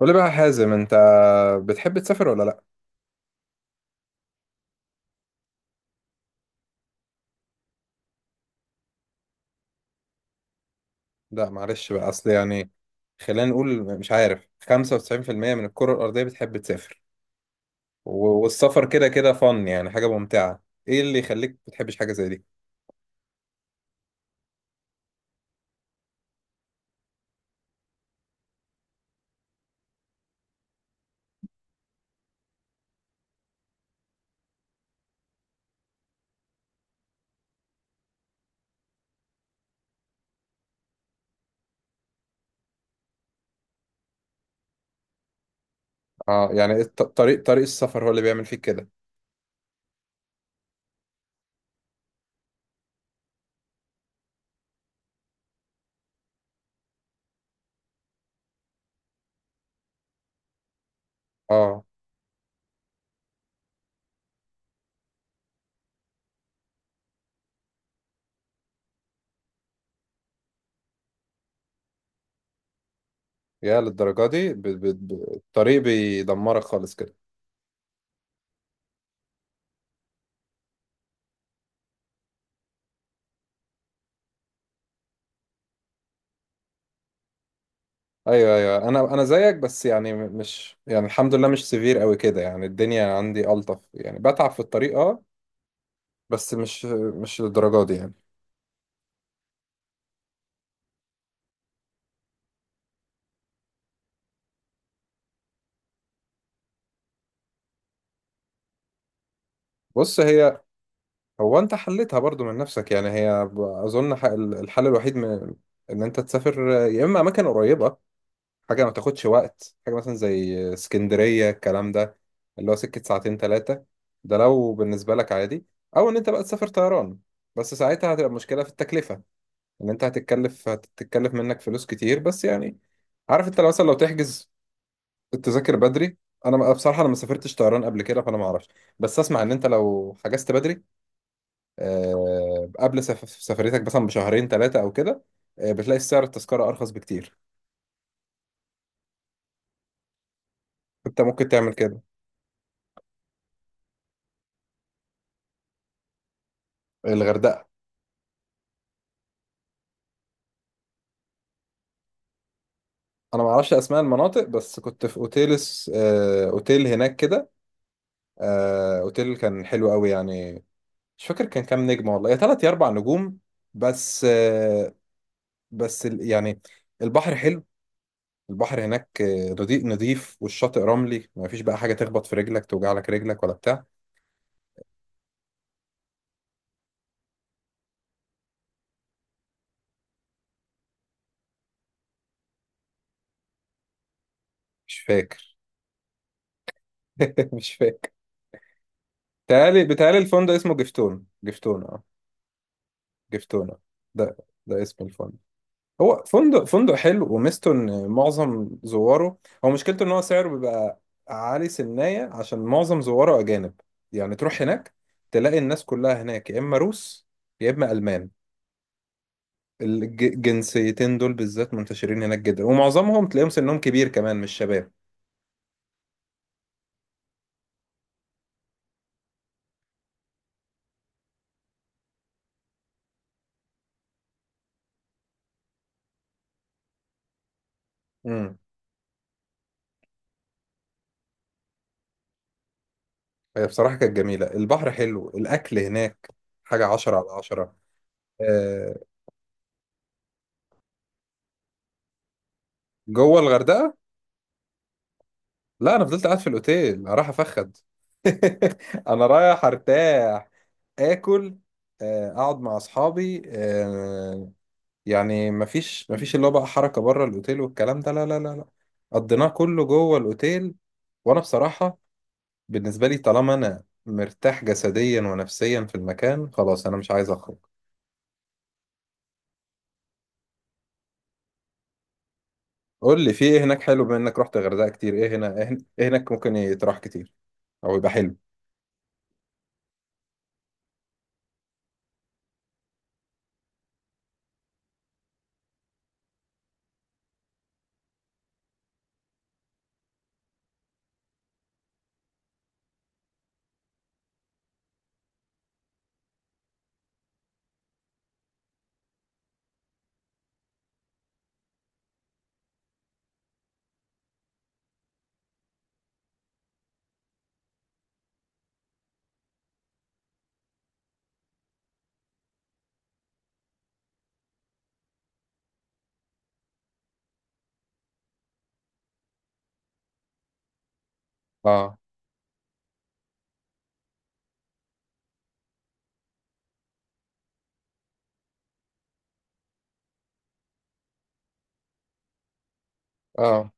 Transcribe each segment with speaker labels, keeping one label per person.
Speaker 1: قول لي بقى يا حازم، انت بتحب تسافر ولا لا؟ لا، معلش بقى، اصل يعني خلينا نقول، مش عارف، 95% من الكرة الأرضية بتحب تسافر. والسفر كده كده فن، يعني حاجة ممتعة. ايه اللي يخليك ما بتحبش حاجة زي دي؟ اه يعني طريق السفر هو اللي بيعمل فيك كده. اه، يا للدرجة دي؟ الطريق بيدمرك خالص كده. ايوه ايوه، انا زيك، بس يعني مش يعني، الحمد لله، مش سيفير قوي كده، يعني الدنيا عندي ألطف، يعني بتعب في الطريق اه. بس مش للدرجة دي يعني. بص، هي هو انت حلتها برضو من نفسك، يعني هي الحل الوحيد من ان انت تسافر يا اما اماكن قريبه، حاجه ما تاخدش وقت، حاجه مثلا زي اسكندريه الكلام ده، اللي هو سكه ساعتين ثلاثه، ده لو بالنسبه لك عادي. او ان انت بقى تسافر طيران، بس ساعتها هتبقى مشكله في التكلفه، ان انت هتتكلف منك فلوس كتير. بس يعني عارف، انت لو مثلا لو تحجز التذاكر بدري. انا بصراحه انا ما سافرتش طيران قبل كده فانا ما اعرفش، بس اسمع ان انت لو حجزت بدري، قبل سفريتك مثلا بشهرين ثلاثة أو كده، بتلاقي سعر التذكرة أرخص بكتير. أنت ممكن تعمل كده. الغردقة. أنا ما اعرفش أسماء المناطق، بس كنت في أوتيل، أوتيل هناك كده. أوتيل كان حلو قوي يعني. مش فاكر كان كام نجمة، والله يا تلات يا أربع نجوم. بس بس يعني البحر حلو، البحر هناك نضيف نضيف، والشاطئ رملي، ما فيش بقى حاجة تخبط في رجلك توجع لك رجلك ولا بتاع. مش فاكر. مش فاكر. بتهيألي الفندق اسمه جفتون، جفتون اه. جفتونة. ده ده اسم الفندق. هو فندق حلو، وميزته ان معظم زواره، هو مشكلته ان هو سعره بيبقى عالي سنية عشان معظم زواره اجانب. يعني تروح هناك تلاقي الناس كلها هناك يا اما روس يا اما المان. الجنسيتين دول بالذات منتشرين هناك جدا، ومعظمهم تلاقيهم سنهم كبير كمان، مش شباب. امم. هي بصراحة كانت جميلة، البحر حلو، الاكل هناك حاجة عشرة على عشرة. آه، جوه الغردقة؟ لا، انا فضلت قاعد في الاوتيل، رايح افخد. انا رايح ارتاح، اكل، اقعد مع اصحابي، يعني مفيش اللي هو بقى حركه بره الاوتيل والكلام ده، لا لا لا لا. قضيناه كله جوه الاوتيل. وانا بصراحه بالنسبه لي طالما انا مرتاح جسديا ونفسيا في المكان، خلاص انا مش عايز اخرج. قول لي في ايه هناك حلو، بما انك رحت غردقه كتير، ايه هنا إيه هناك ممكن يتراح كتير او يبقى حلو؟ اه. اه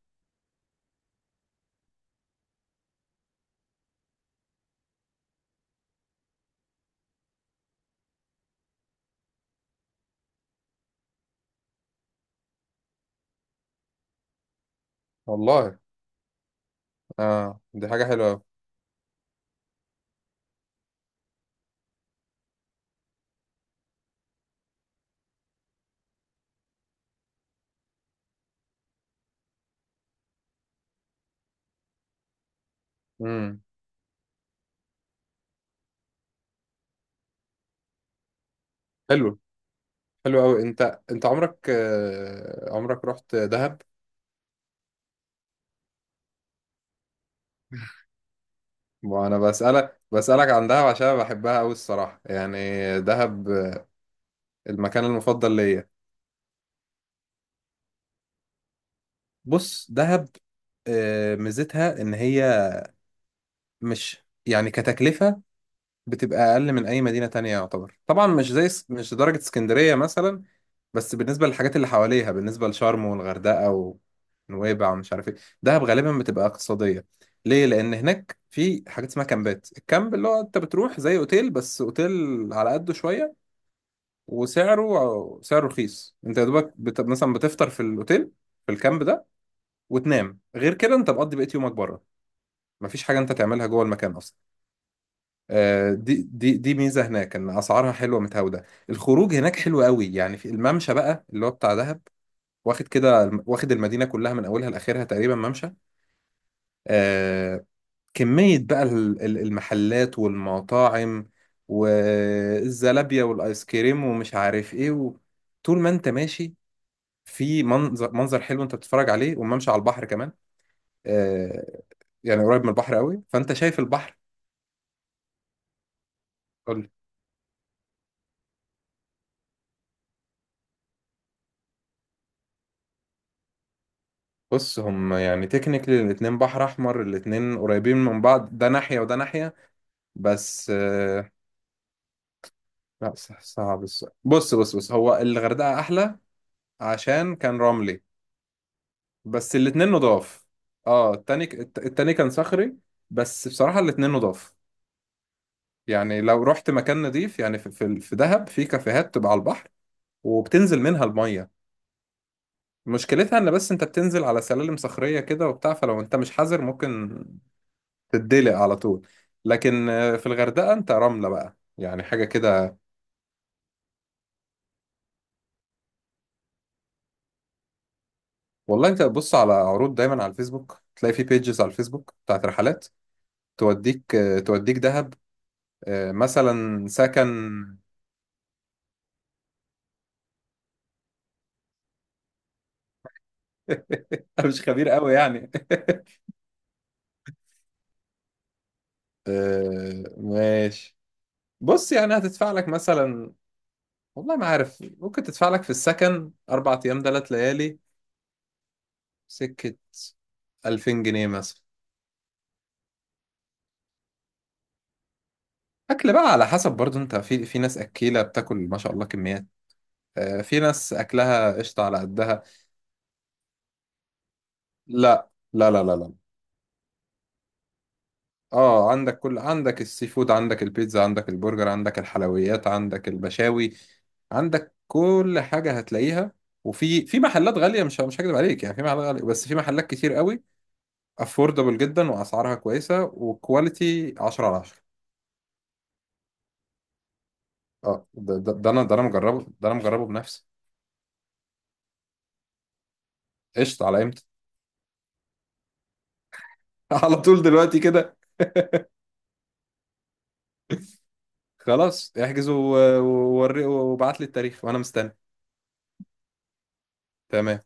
Speaker 1: والله. اه، دي حاجه حلوه أوي. امم. حلو. حلو قوي. انت، انت عمرك، عمرك رحت دهب؟ وانا بسألك عن دهب عشان بحبها قوي الصراحة يعني. دهب، المكان المفضل ليا. بص، دهب ميزتها ان هي مش يعني كتكلفة بتبقى اقل من اي مدينه تانية يعتبر، طبعا مش زي، مش درجه اسكندريه مثلا، بس بالنسبه للحاجات اللي حواليها بالنسبه لشرم والغردقه ونويبع ومش عارف ايه. دهب غالبا بتبقى اقتصاديه. ليه؟ لان هناك في حاجات اسمها كامبات. الكامب اللي هو انت بتروح زي اوتيل بس اوتيل على قده شويه، وسعره سعره رخيص. انت يا دوبك مثلا بتفطر في الاوتيل، في الكامب ده، وتنام. غير كده انت بتقضي بقية يومك بره. مفيش حاجه انت تعملها جوه المكان اصلا. دي ميزه هناك، ان اسعارها حلوه متهاوده. الخروج هناك حلو قوي، يعني في الممشى بقى اللي هو بتاع دهب، واخد كده واخد المدينه كلها من اولها لاخرها تقريبا ممشى. آه. كميه بقى المحلات والمطاعم والزلابيه والايس كريم ومش عارف ايه، و... طول ما انت ماشي في منظر، منظر حلو انت بتتفرج عليه، والممشى على البحر كمان. آه. يعني قريب من البحر قوي، فانت شايف البحر. بص، هم يعني تكنيكلي الاتنين بحر احمر، الاتنين قريبين من بعض، ده ناحية وده ناحية، بس لا، صعب السؤال. بص بص بص، هو الغردقة احلى عشان كان رملي. بس الاتنين نضاف. اه، التاني، التاني كان صخري، بس بصراحة الاتنين نضاف. يعني لو رحت مكان نضيف يعني، في في دهب في كافيهات تبقى على البحر، وبتنزل منها المية. مشكلتها ان بس انت بتنزل على سلالم صخرية كده وبتاع، فلو انت مش حذر ممكن تتدلق على طول. لكن في الغردقة انت رملة بقى، يعني حاجة كده. والله انت بص على عروض دايما على الفيسبوك، تلاقي في بيجز على الفيسبوك بتاعت رحلات توديك، توديك دهب، مثلا سكن. انا مش خبير قوي يعني. ماشي. بص يعني هتدفع لك مثلا، والله ما عارف، ممكن تدفع لك في السكن أربع أيام تلات ليالي، سكة 2000 جنيه مثلا. أكل بقى على حسب برضو أنت، في ناس أكيلة بتاكل ما شاء الله كميات، في ناس اكلها قشطه على قدها. لا لا لا لا لا. اه، عندك كل، عندك السي فود، عندك البيتزا، عندك البرجر، عندك الحلويات، عندك المشاوي، عندك كل حاجه هتلاقيها. وفي محلات غاليه، مش هكذب عليك، يعني في محلات غاليه، بس في محلات كتير قوي افوردبل جدا، واسعارها كويسه، وكواليتي 10 على 10. اه، ده انا مجربه بنفسي. قشطه، على امتى؟ على طول دلوقتي كده؟ خلاص احجز ووري وابعت لي التاريخ وانا مستني. تمام.